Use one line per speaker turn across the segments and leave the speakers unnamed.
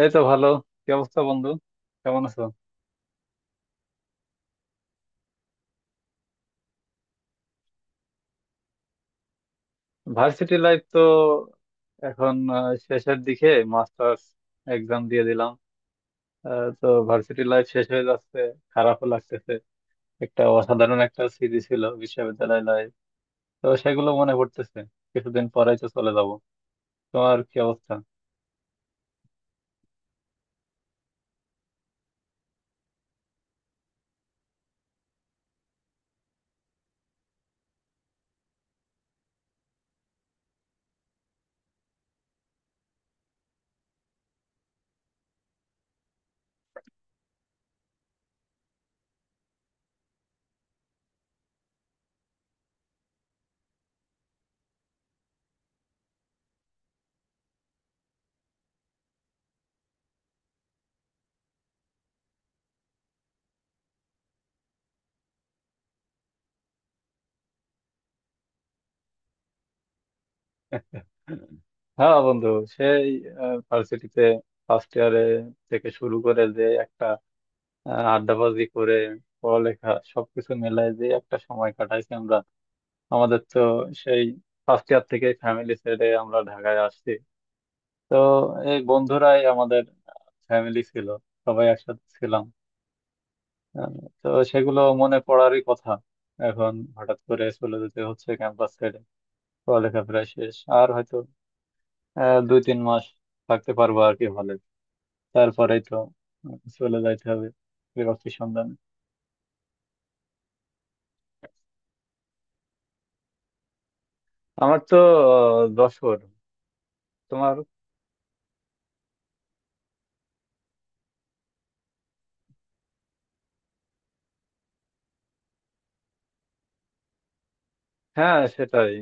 এই তো ভালো। কি অবস্থা বন্ধু? কেমন আছো? ভার্সিটি লাইফ তো এখন শেষের দিকে। মাস্টার্স এক্সাম দিয়ে দিলাম। তো ভার্সিটি লাইফ শেষ হয়ে যাচ্ছে। খারাপও লাগতেছে। একটা অসাধারণ একটা স্মৃতি ছিল বিশ্ববিদ্যালয় লাইফ, তো সেগুলো মনে পড়তেছে। কিছুদিন পরেই তো চলে যাব। তোমার কি অবস্থা? হ্যাঁ বন্ধু, সেই ভার্সিটিতে ফার্স্ট ইয়ারে থেকে শুরু করে যে একটা আড্ডাবাজি করে পড়ালেখা সবকিছু মিলাই যে একটা সময় কাটাইছি আমরা। আমাদের তো সেই ফার্স্ট ইয়ার থেকে ফ্যামিলি ছেড়ে আমরা ঢাকায় আসছি, তো এই বন্ধুরাই আমাদের ফ্যামিলি ছিল, সবাই একসাথে ছিলাম। আহ, তো সেগুলো মনে পড়ারই কথা। এখন হঠাৎ করে চলে যেতে হচ্ছে ক্যাম্পাস ছেড়ে, পড়ালেখা প্রায় শেষ আর হয়তো 2-3 মাস থাকতে পারবো আর কি হলে, তারপরেই তো চলে যাইতে হবে চাকরির সন্ধানে। আমার তো যশোর। তোমার? হ্যাঁ সেটাই।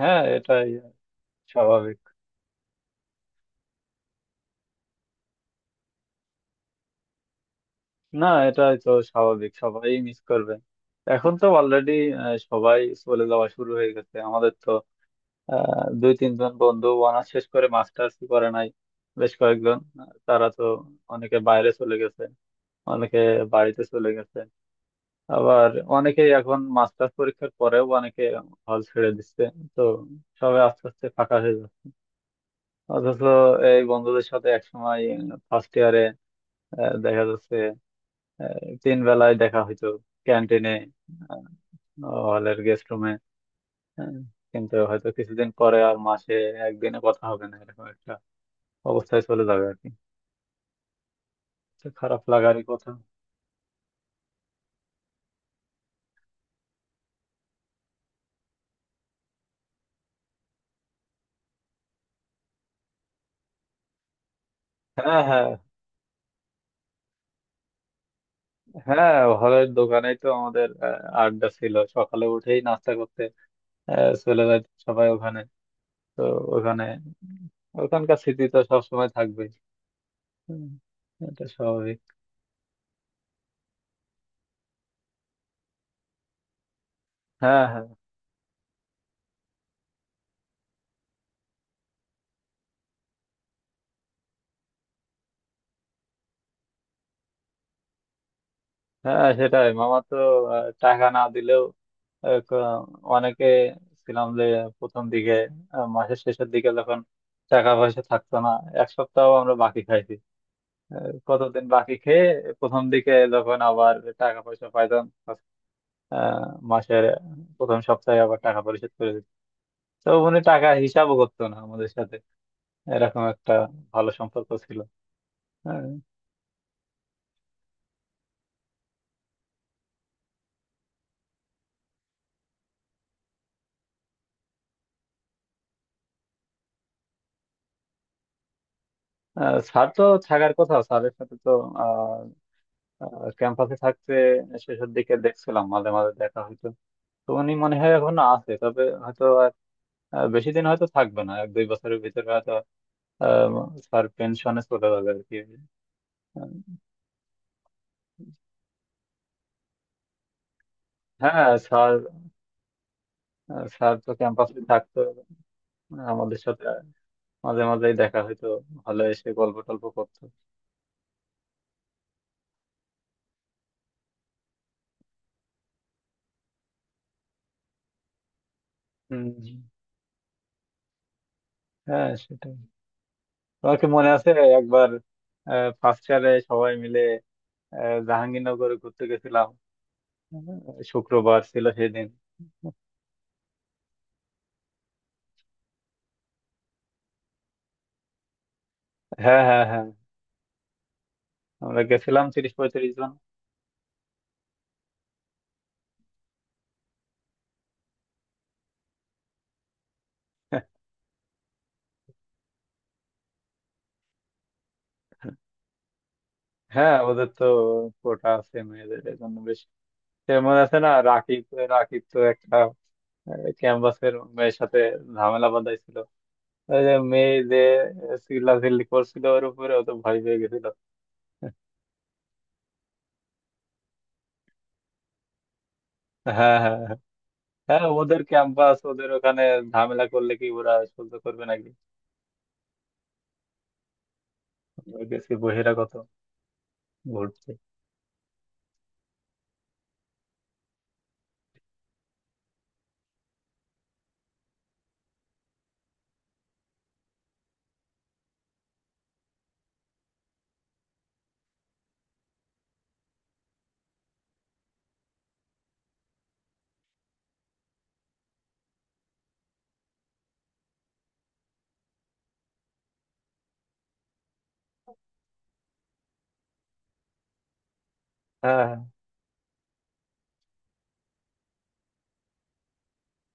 হ্যাঁ এটাই স্বাভাবিক। না এটাই তো স্বাভাবিক, সবাই মিস করবে। এখন তো অলরেডি সবাই চলে যাওয়া শুরু হয়ে গেছে আমাদের তো। 2-3 জন বন্ধু অনার্স শেষ করে মাস্টার্স করে নাই, বেশ কয়েকজন তারা তো অনেকে বাইরে চলে গেছে, অনেকে বাড়িতে চলে গেছে। আবার অনেকেই এখন মাস্টার্স পরীক্ষার পরেও অনেকে হল ছেড়ে দিচ্ছে, তো সবাই আস্তে আস্তে ফাঁকা হয়ে যাচ্ছে। অথচ এই বন্ধুদের সাথে একসময় ফার্স্ট ইয়ারে দেখা যাচ্ছে তিন বেলায় দেখা হইতো, ক্যান্টিনে, হলের গেস্ট রুমে। কিন্তু হয়তো কিছুদিন পরে আর মাসে একদিনে কথা হবে না, এরকম একটা অবস্থায় চলে যাবে আর কি, তো খারাপ লাগারই কথা। হ্যাঁ, হ্যাঁ, হ্যাঁ হলের দোকানেই তো আমাদের আড্ডা ছিল, সকালে উঠেই নাস্তা করতে চলে যায় সবাই ওখানে, তো ওখানে ওখানকার স্মৃতি তো সবসময় থাকবেই। হুম, এটা স্বাভাবিক। হ্যাঁ হ্যাঁ, হ্যাঁ, সেটাই। মামা তো টাকা না দিলেও আহ, ক- অনেকে ছিলাম যে, প্রথম দিকে মাসের শেষের দিকে যখন টাকা পয়সা থাকতো না, এক সপ্তাহ আমরা বাকি খাইছি, কতদিন বাকি খেয়ে প্রথম দিকে যখন আবার টাকা পয়সা পাইতাম, আহ, মাসের প্রথম সপ্তাহে আবার টাকা পরিশোধ করে দিত। তো উনি টাকা হিসাবও করতো না আমাদের সাথে, এরকম একটা ভালো সম্পর্ক ছিল। হ্যাঁ, স্যার তো থাকার কথা, স্যারের সাথে তো ক্যাম্পাসে থাকতে শেষের দিকে দেখছিলাম, মাঝে মাঝে দেখা হইতো, তো উনি মনে হয় এখনো আছে, তবে হয়তো আর বেশি দিন হয়তো থাকবে না, 1-2 বছরের ভিতরে হয়তো স্যার পেনশনে চলে যাবে আর কি। আহ, হ্যাঁ স্যার, স্যার তো ক্যাম্পাসে থাকতো আমাদের সাথে, মাঝে মাঝেই দেখা হইতো, হলে এসে গল্প টল্প করতো। হম। হ্যাঁ সেটাই। তোমার কি মনে আছে একবার ফার্স্ট ইয়ারে সবাই মিলে জাহাঙ্গীরনগরে ঘুরতে গেছিলাম? হ্যাঁ, শুক্রবার ছিল সেদিন। হ্যাঁ, হ্যাঁ, হ্যাঁ, আমরা গেছিলাম 30-35 জন। হ্যাঁ ওদের তো কোটা আছে মেয়েদের, এই জন্য বেশ। সে মনে আছে না রাকিব? রাকিব তো একটা ক্যাম্পাসের মেয়ের সাথে ঝামেলা বাঁধাইছিল, ওই যে মেয়ে যে চিল্লা চিল্লি করছিল ওর উপরে, ও তো ভয় পেয়ে গেছিল। হ্যাঁ, হ্যাঁ, হ্যাঁ। হ্যাঁ, ওদের ক্যাম্পাস, ওদের ওখানে ঝামেলা করলে কি ওরা সহ্য করবে নাকি, আমরা গেছি বহিরাগত ঘুরতে। হ্যাঁ। হ্যাঁ,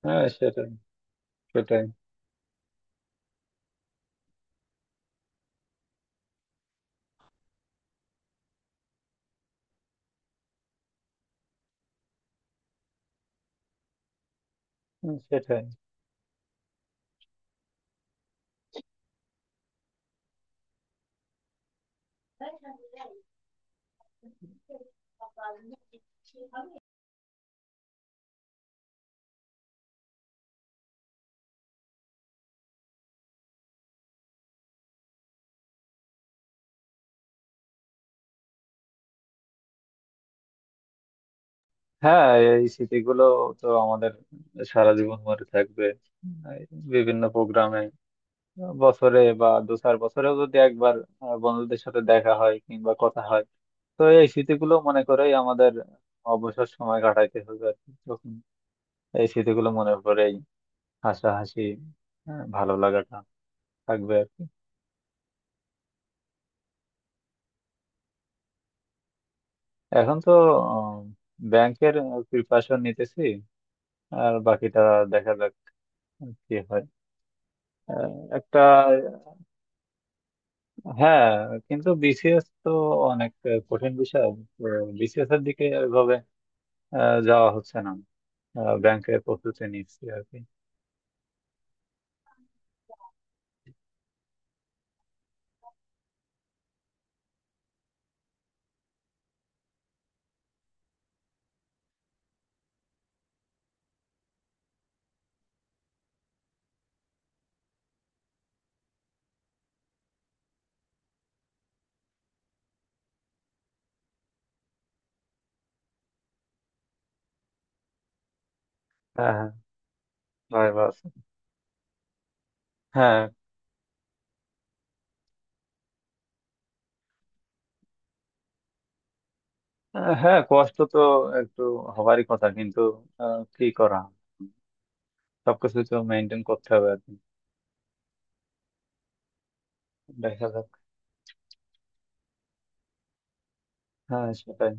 হ্যাঁ, সেটাই, সেটাই। হুম, সেটাই। হ্যাঁ এই স্মৃতিগুলো তো আমাদের সারা জীবন মনে থাকবে। এই বিভিন্ন প্রোগ্রামে বছরে বা দু চার বছরেও যদি একবার বন্ধুদের সাথে দেখা হয় কিংবা কথা হয়, তো এই স্মৃতিগুলো মনে করেই আমাদের অবসর সময় কাটাইতে হবে আর কি, তখন এই স্মৃতিগুলো মনে করেই হাসাহাসি, ভালো লাগাটা থাকবে আর কি। এখন তো ব্যাংকের প্রিপারেশন নিতেছি, আর বাকিটা দেখা যাক কি হয়। আহ, একটা হ্যাঁ, কিন্তু বিসিএস তো অনেক কঠিন বিষয়, বিসিএস এর দিকে এভাবে যাওয়া হচ্ছে না, ব্যাংকের প্রস্তুতি নিচ্ছি আর কি। হ্যাঁ, হ্যাঁ। ভাইবা আছে। হ্যাঁ। হ্যাঁ কষ্ট তো একটু হবারই কথা, কিন্তু কি করা, সবকিছু তো মেনটেন করতে হবে আর কি। দেখা যাক। হ্যাঁ সেটাই।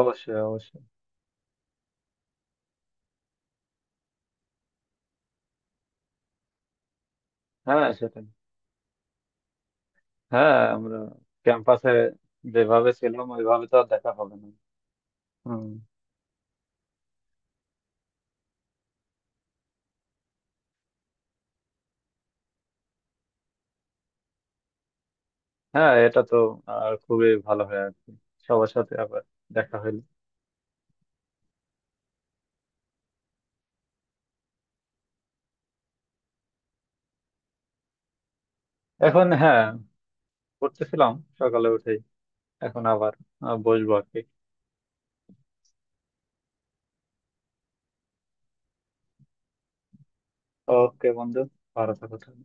অবশ্যই, অবশ্যই। হ্যাঁ সেটাই। হ্যাঁ আমরা ক্যাম্পাসে যেভাবে ছিলাম ওইভাবে তো আর দেখা হবে না। হুম। হ্যাঁ এটা তো আর খুবই ভালো হয় আর কি, সবার সাথে আবার দেখা হইলো। এখন হ্যাঁ পড়তেছিলাম, সকালে উঠেই, এখন আবার বসবো আর কি। ওকে বন্ধু, ভালো থাকো তাহলে।